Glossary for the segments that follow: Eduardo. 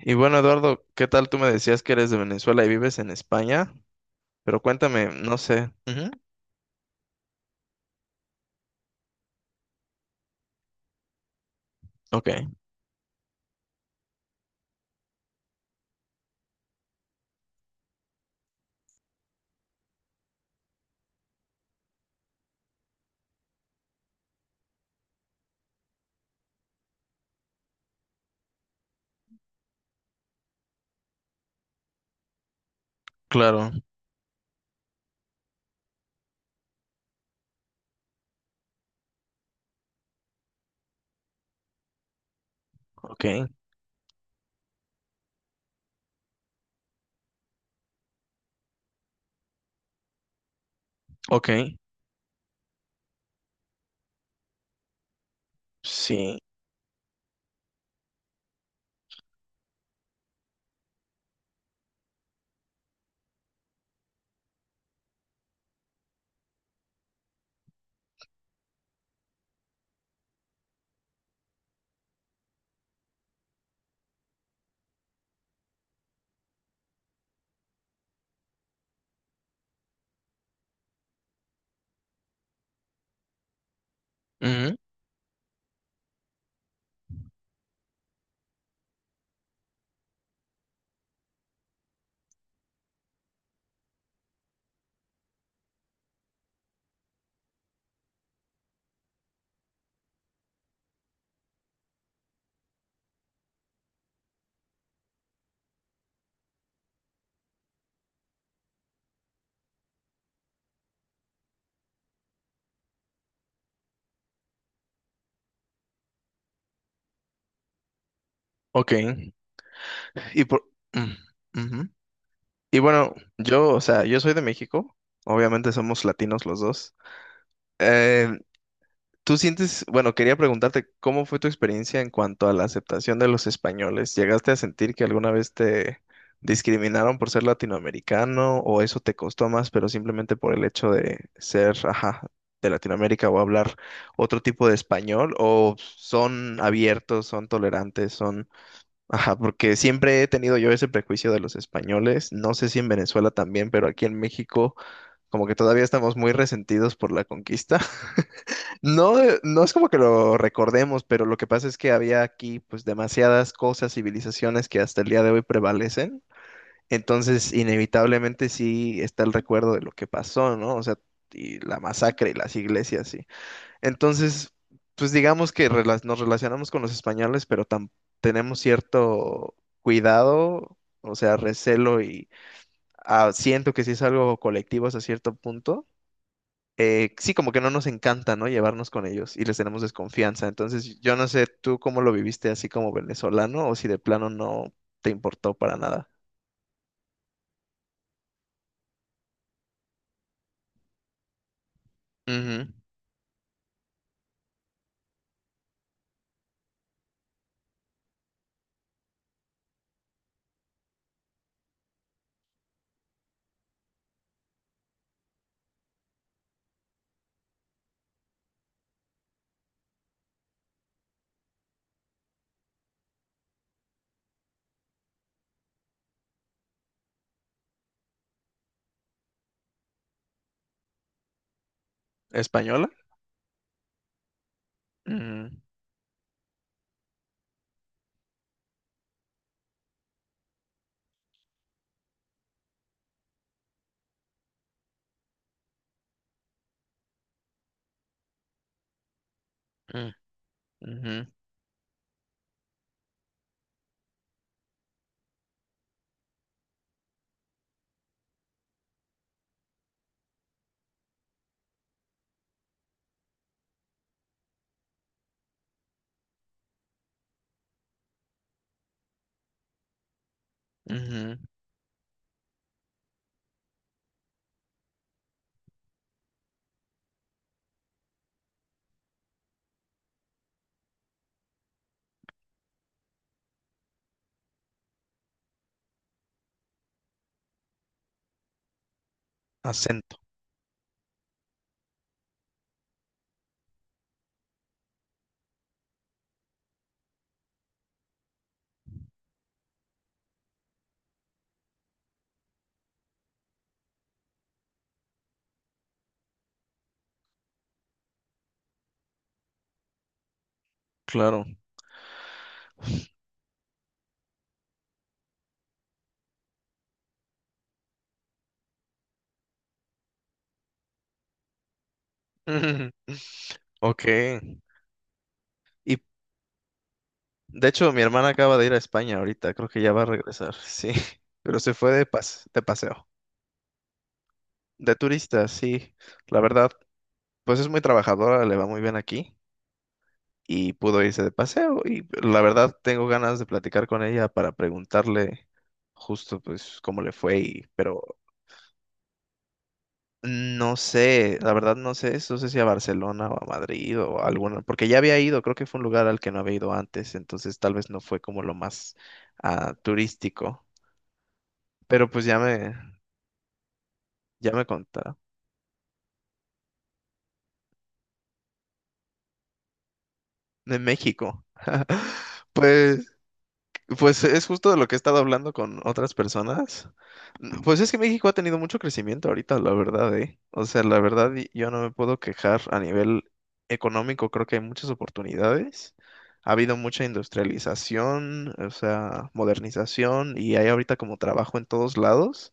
Y bueno, Eduardo, ¿qué tal? Tú me decías que eres de Venezuela y vives en España, pero cuéntame, no sé. Ujú. Ok. Claro. Ok, ok, sí, ujú, ok. Y por... mm, ujú. Y bueno, yo, o sea, yo soy de México, obviamente somos latinos los dos. Eh, Tú sientes, bueno, quería preguntarte, ¿cómo fue tu experiencia en cuanto a la aceptación de los españoles? ¿Llegaste a sentir que alguna vez te discriminaron por ser latinoamericano o eso te costó más, pero simplemente por el hecho de ser, ajá, de Latinoamérica o hablar otro tipo de español? ¿O son abiertos, son tolerantes, son, ajá, porque siempre he tenido yo ese prejuicio de los españoles, no sé si en Venezuela también, pero aquí en México como que todavía estamos muy resentidos por la conquista. No, no es como que lo recordemos, pero lo que pasa es que había aquí pues demasiadas cosas, civilizaciones que hasta el día de hoy prevalecen. Entonces, inevitablemente sí está el recuerdo de lo que pasó, ¿no? O sea, y la masacre y las iglesias, sí. Entonces, pues digamos que nos relacionamos con los españoles, pero tenemos cierto cuidado, o sea, recelo y ah, siento que sí es algo colectivo hasta cierto punto, sí, como que no nos encanta, ¿no? Llevarnos con ellos y les tenemos desconfianza. Entonces, yo no sé tú cómo lo viviste así como venezolano o si de plano no te importó para nada. Ujú. ¿Española? Ujú, ujú, ujú, ujú. Acento, claro. Ujú. Ok. Y de hecho, mi hermana acaba de ir a España ahorita, creo que ya va a regresar, sí. Pero se fue de de paseo. De turista, sí. La verdad, pues es muy trabajadora, le va muy bien aquí. Y pudo irse de paseo. Y la verdad tengo ganas de platicar con ella para preguntarle justo pues cómo le fue y, pero no sé, la verdad no sé, no sé si a Barcelona o a Madrid o a alguna, porque ya había ido, creo que fue un lugar al que no había ido antes, entonces tal vez no fue como lo más ah, turístico, pero pues ya me contará. De México. Pues Pues es justo de lo que he estado hablando con otras personas. Pues es que México ha tenido mucho crecimiento ahorita, la verdad, ¿eh? O sea, la verdad, yo no me puedo quejar a nivel económico, creo que hay muchas oportunidades. Ha habido mucha industrialización, o sea, modernización, y hay ahorita como trabajo en todos lados.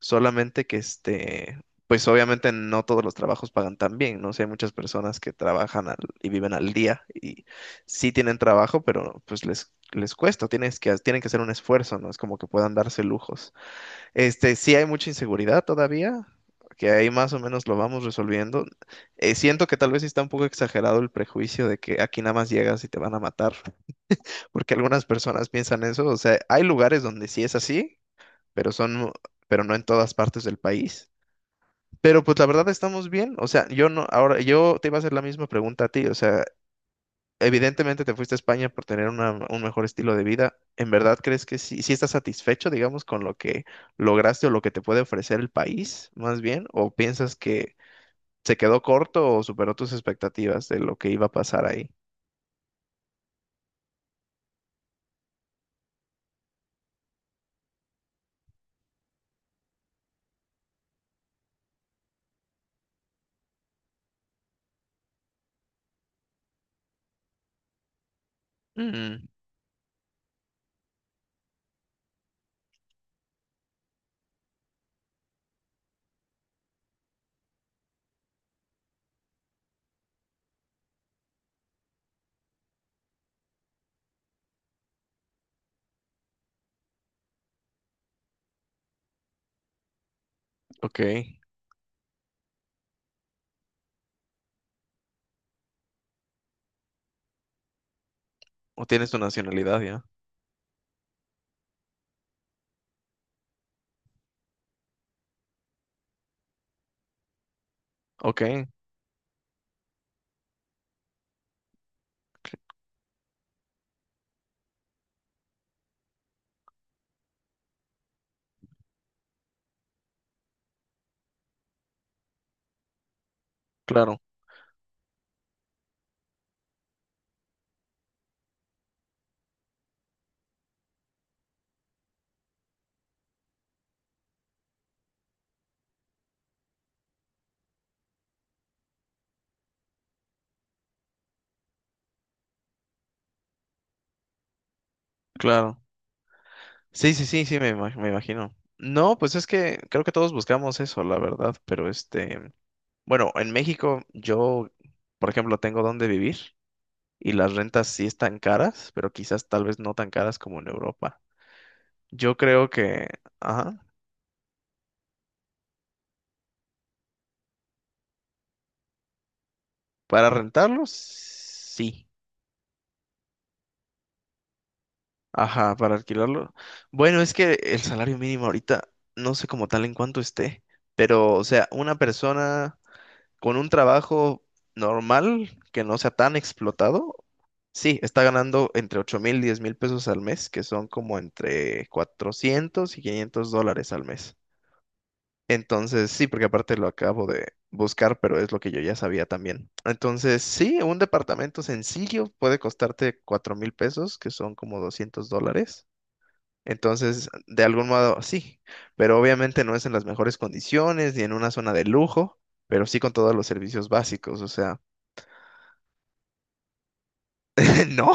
Solamente que este, pues obviamente no todos los trabajos pagan tan bien, ¿no? Sé hay muchas personas que trabajan y viven al día y sí tienen trabajo, pero pues les cuesta, tienen que hacer un esfuerzo, ¿no? Es como que puedan darse lujos. Este, sí hay mucha inseguridad todavía, que ahí más o menos lo vamos resolviendo. Siento que tal vez sí está un poco exagerado el prejuicio de que aquí nada más llegas y te van a matar, porque algunas personas piensan eso, o sea, hay lugares donde sí es así, pero son pero no en todas partes del país. Pero pues la verdad estamos bien, o sea, yo no, ahora yo te iba a hacer la misma pregunta a ti, o sea, evidentemente te fuiste a España por tener un mejor estilo de vida. ¿En verdad crees que sí, sí estás satisfecho, digamos, con lo que lograste o lo que te puede ofrecer el país, más bien? ¿O piensas que se quedó corto o superó tus expectativas de lo que iba a pasar ahí? Mm, ok, o tienes tu nacionalidad ya, ok, claro, claro. Sí, sí, sí, sí, me imagino. No, pues es que creo que todos buscamos eso, la verdad, pero este. Bueno, en México yo, por ejemplo, tengo dónde vivir y las rentas sí están caras, pero quizás tal vez no tan caras como en Europa. Yo creo que, ajá, para rentarlo, sí. Ajá, para alquilarlo. Bueno, es que el salario mínimo ahorita no sé como tal en cuánto esté, pero o sea, una persona con un trabajo normal que no sea tan explotado, sí, está ganando entre 8,000 y 10 mil pesos al mes, que son como entre 400 y 500 dólares al mes. Entonces, sí, porque aparte lo acabo de buscar, pero es lo que yo ya sabía también. Entonces, sí, un departamento sencillo puede costarte 4,000 pesos, que son como 200 dólares. Entonces, de algún modo sí, pero obviamente no es en las mejores condiciones ni en una zona de lujo, pero sí con todos los servicios básicos, o sea, no,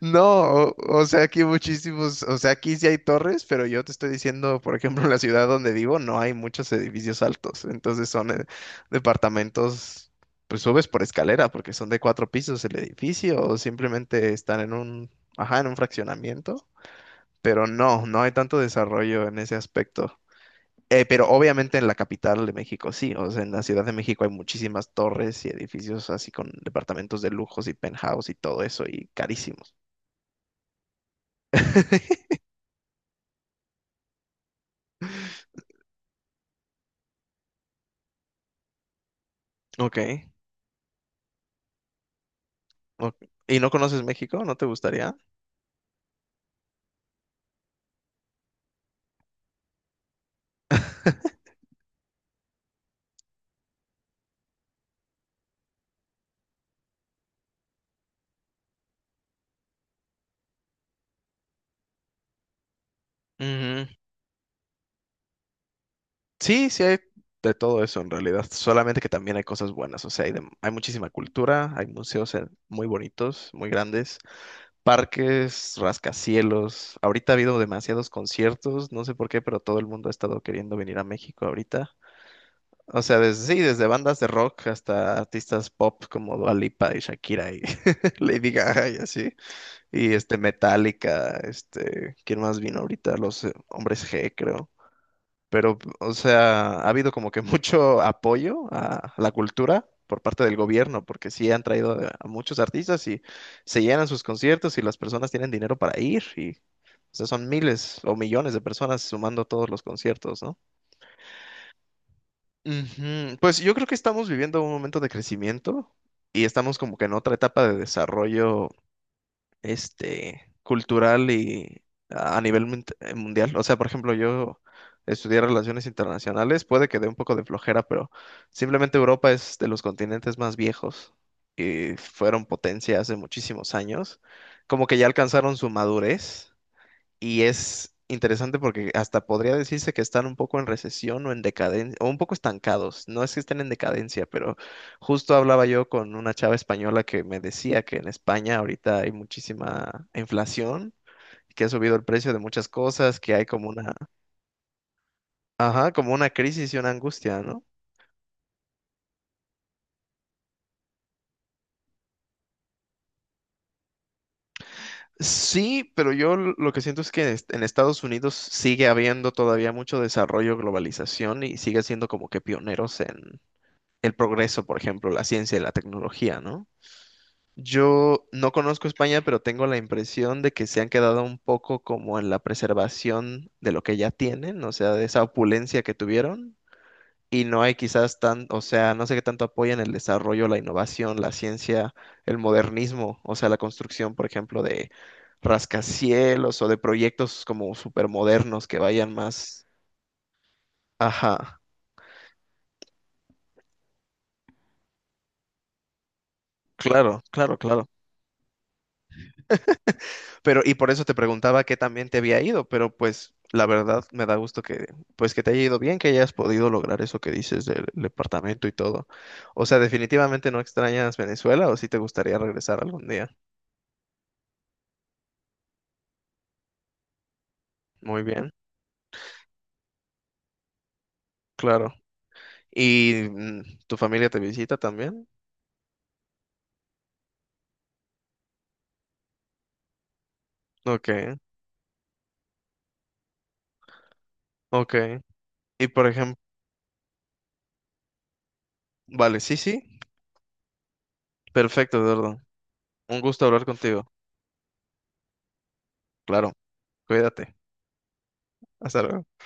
no, o, o sea, aquí muchísimos, o sea, aquí sí hay torres, pero yo te estoy diciendo, por ejemplo, en la ciudad donde vivo no hay muchos edificios altos, entonces son departamentos, pues subes por escalera porque son de cuatro pisos el edificio o simplemente están en un, ajá, en un fraccionamiento, pero no, no hay tanto desarrollo en ese aspecto. Pero obviamente en la capital de México sí, o sea, en la Ciudad de México hay muchísimas torres y edificios así con departamentos de lujos y penthouse y todo eso y carísimos. Ok. Ok. ¿Y no conoces México? ¿No te gustaría? Ujú. Sí, sí hay de todo eso en realidad, solamente que también hay cosas buenas, o sea, hay muchísima cultura, hay museos muy bonitos, muy grandes, parques, rascacielos. Ahorita ha habido demasiados conciertos, no sé por qué, pero todo el mundo ha estado queriendo venir a México ahorita. O sea, desde, sí, desde bandas de rock hasta artistas pop como Dua Lipa y Shakira y Lady Gaga y así. Y este Metallica, este, ¿quién más vino ahorita? Los Hombres G, creo. Pero, o sea, ha habido como que mucho apoyo a la cultura por parte del gobierno, porque sí han traído a muchos artistas y se llenan sus conciertos y las personas tienen dinero para ir y, o sea, son miles o millones de personas sumando todos los conciertos, ¿no? Ujú. Pues yo creo que estamos viviendo un momento de crecimiento y estamos como que en otra etapa de desarrollo este cultural y a nivel mundial. O sea, por ejemplo, yo estudié relaciones internacionales, puede que dé un poco de flojera, pero simplemente Europa es de los continentes más viejos y fueron potencia hace muchísimos años. Como que ya alcanzaron su madurez y es interesante porque hasta podría decirse que están un poco en recesión o en decadencia, o un poco estancados. No es que estén en decadencia, pero justo hablaba yo con una chava española que me decía que en España ahorita hay muchísima inflación, que ha subido el precio de muchas cosas, que hay como una, ajá, como una crisis y una angustia, ¿no? Sí, pero yo lo que siento es que en Estados Unidos sigue habiendo todavía mucho desarrollo, globalización y sigue siendo como que pioneros en el progreso, por ejemplo, la ciencia y la tecnología, ¿no? Yo no conozco España, pero tengo la impresión de que se han quedado un poco como en la preservación de lo que ya tienen, o sea, de esa opulencia que tuvieron, y no hay quizás tan, o sea, no sé qué tanto apoyan el desarrollo, la innovación, la ciencia, el modernismo, o sea, la construcción, por ejemplo, de rascacielos o de proyectos como supermodernos que vayan más. Ajá, claro, claro, claro. Pero, y por eso te preguntaba qué también te había ido, pero pues la verdad me da gusto que, pues que te haya ido bien, que hayas podido lograr eso que dices del departamento y todo. O sea, definitivamente no extrañas Venezuela o si te gustaría regresar algún día. Muy bien, claro. ¿Y tu familia te visita también? Ok, ok. Y por ejemplo, vale, sí, sí, perfecto, Eduardo. Un gusto hablar contigo. Claro, cuídate. Hasta luego.